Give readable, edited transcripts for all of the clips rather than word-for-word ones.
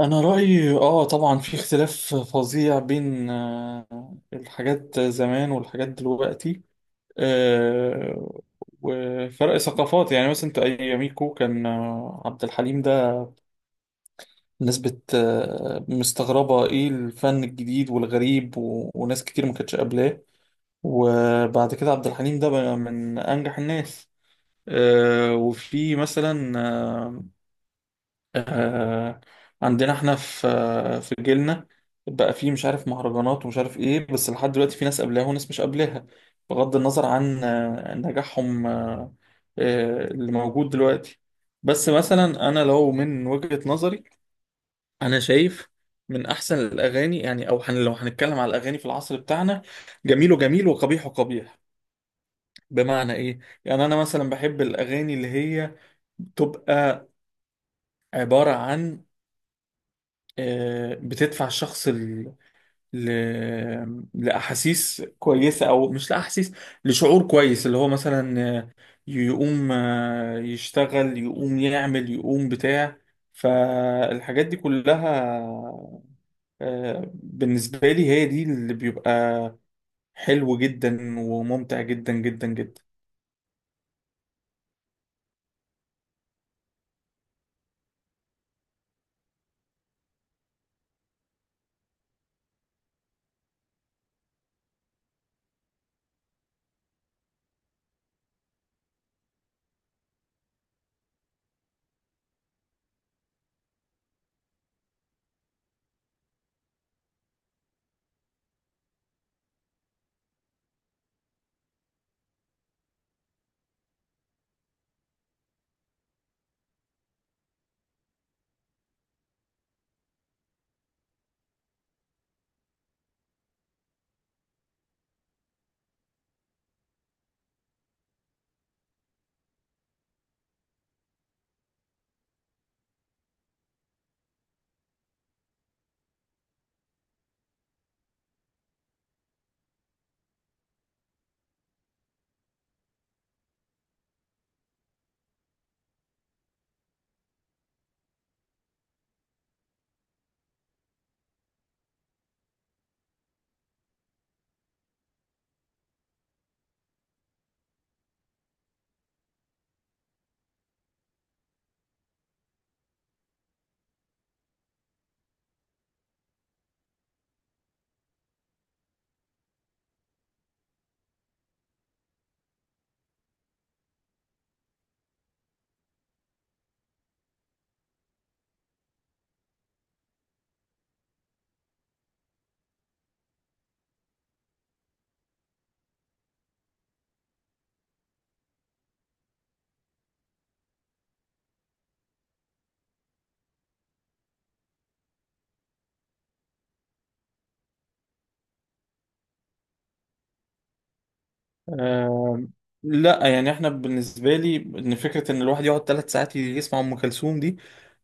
انا رايي طبعا في اختلاف فظيع بين الحاجات زمان والحاجات دلوقتي. آه، وفرق ثقافات، يعني مثلا انت اياميكو كان عبد الحليم ده الناس بت آه، مستغربه ايه الفن الجديد والغريب وناس كتير ما كانتش قابلاه. وبعد كده عبد الحليم ده بقى من انجح الناس. وفي مثلا آه عندنا احنا في جيلنا بقى فيه مش عارف مهرجانات ومش عارف ايه، بس لحد دلوقتي في ناس قبلها وناس مش قبلها بغض النظر عن نجاحهم، اللي موجود دلوقتي. بس مثلا انا لو من وجهة نظري، انا شايف من احسن الاغاني، يعني او لو هنتكلم على الاغاني في العصر بتاعنا، جميله جميل وقبيحه قبيح. بمعنى ايه؟ يعني انا مثلا بحب الاغاني اللي هي بتبقى عبارة عن بتدفع الشخص ل... لأحاسيس كويسة، أو مش لأحاسيس، لشعور كويس، اللي هو مثلا يقوم يشتغل، يقوم يعمل، يقوم بتاع. فالحاجات دي كلها بالنسبة لي هي دي اللي بيبقى حلو جدا وممتع جدا جدا جدا. آم، لا، يعني احنا بالنسبة لي ان فكرة ان الواحد يقعد 3 ساعات يسمع ام كلثوم دي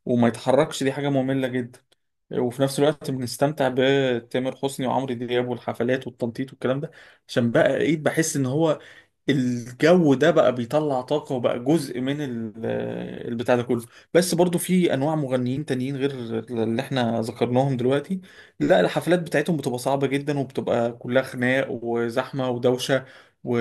وما يتحركش دي حاجة مملة جدا. وفي نفس الوقت بنستمتع بتامر حسني وعمرو دياب والحفلات والتنطيط والكلام ده، عشان بقى ايه، بحس ان هو الجو ده بقى بيطلع طاقة وبقى جزء من البتاع ده كله. بس برضو في انواع مغنيين تانيين غير اللي احنا ذكرناهم دلوقتي. لا، الحفلات بتاعتهم بتبقى صعبة جدا، وبتبقى كلها خناق وزحمة ودوشة و...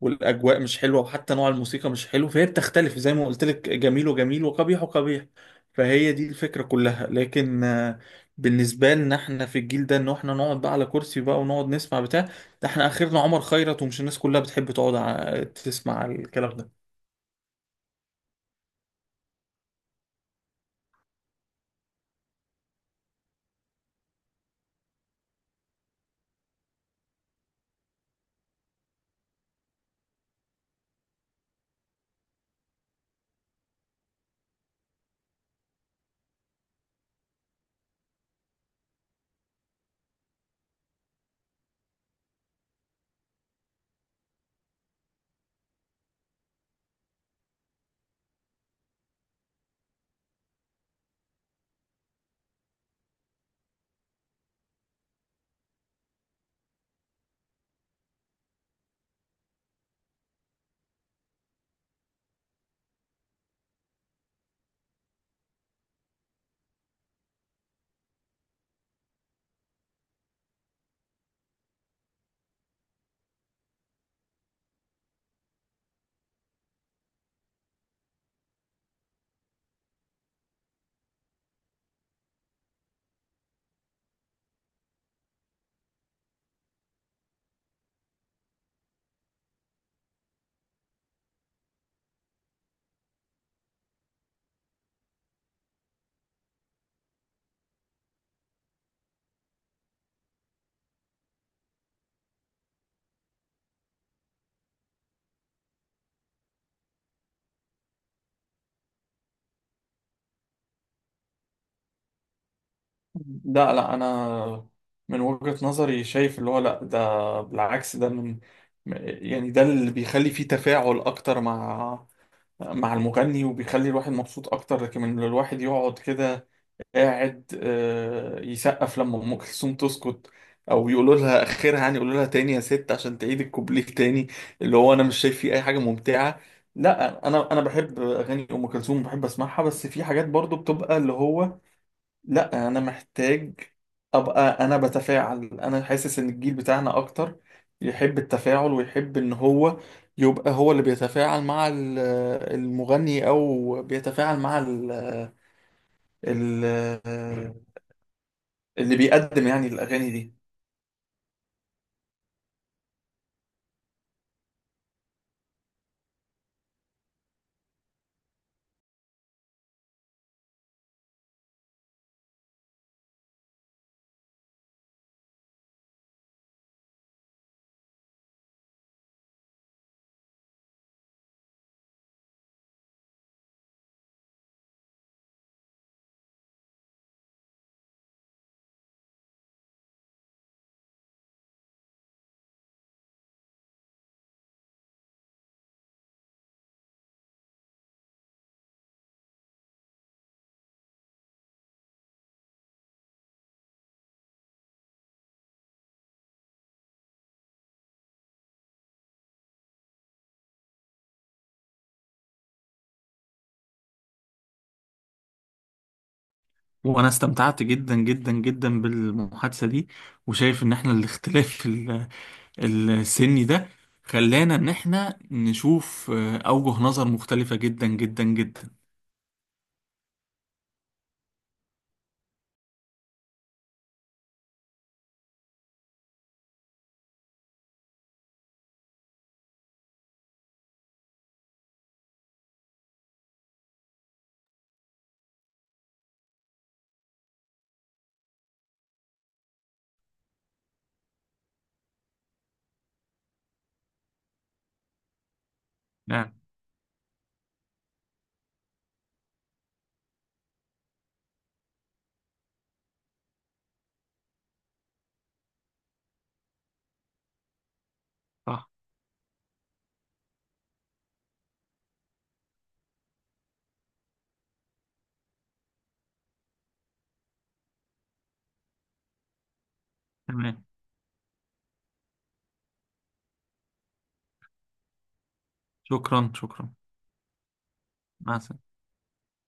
والاجواء مش حلوه، وحتى نوع الموسيقى مش حلو، فهي بتختلف زي ما قلت لك، جميل وجميل وقبيح وقبيح. فهي دي الفكره كلها، لكن بالنسبه لنا احنا في الجيل ده ان احنا نقعد بقى على كرسي بقى ونقعد نسمع بتاع. ده احنا اخرنا عمر خيرت، ومش الناس كلها بتحب تقعد تسمع الكلام ده. لا لا، انا من وجهة نظري شايف اللي هو، لا ده بالعكس، ده من، يعني ده اللي بيخلي فيه تفاعل اكتر مع المغني وبيخلي الواحد مبسوط اكتر. لكن من الواحد يقعد كده قاعد يسقف لما ام كلثوم تسكت، او يقولوا لها اخرها، يعني يقولوا لها تاني يا ست عشان تعيد الكوبليه تاني، اللي هو انا مش شايف فيه اي حاجه ممتعه. لا، انا بحب اغاني ام كلثوم، بحب اسمعها، بس في حاجات برضو بتبقى اللي هو، لا انا محتاج ابقى، انا بتفاعل، انا حاسس ان الجيل بتاعنا اكتر يحب التفاعل ويحب ان هو يبقى هو اللي بيتفاعل مع المغني، او بيتفاعل مع ال ال اللي بيقدم يعني الاغاني دي. وانا استمتعت جدا جدا جدا بالمحادثه دي، وشايف ان احنا الاختلاف السني ده خلانا ان احنا نشوف اوجه نظر مختلفه جدا جدا جدا. نعم. صح. تمام. شكرا شكرا. مع السلامة.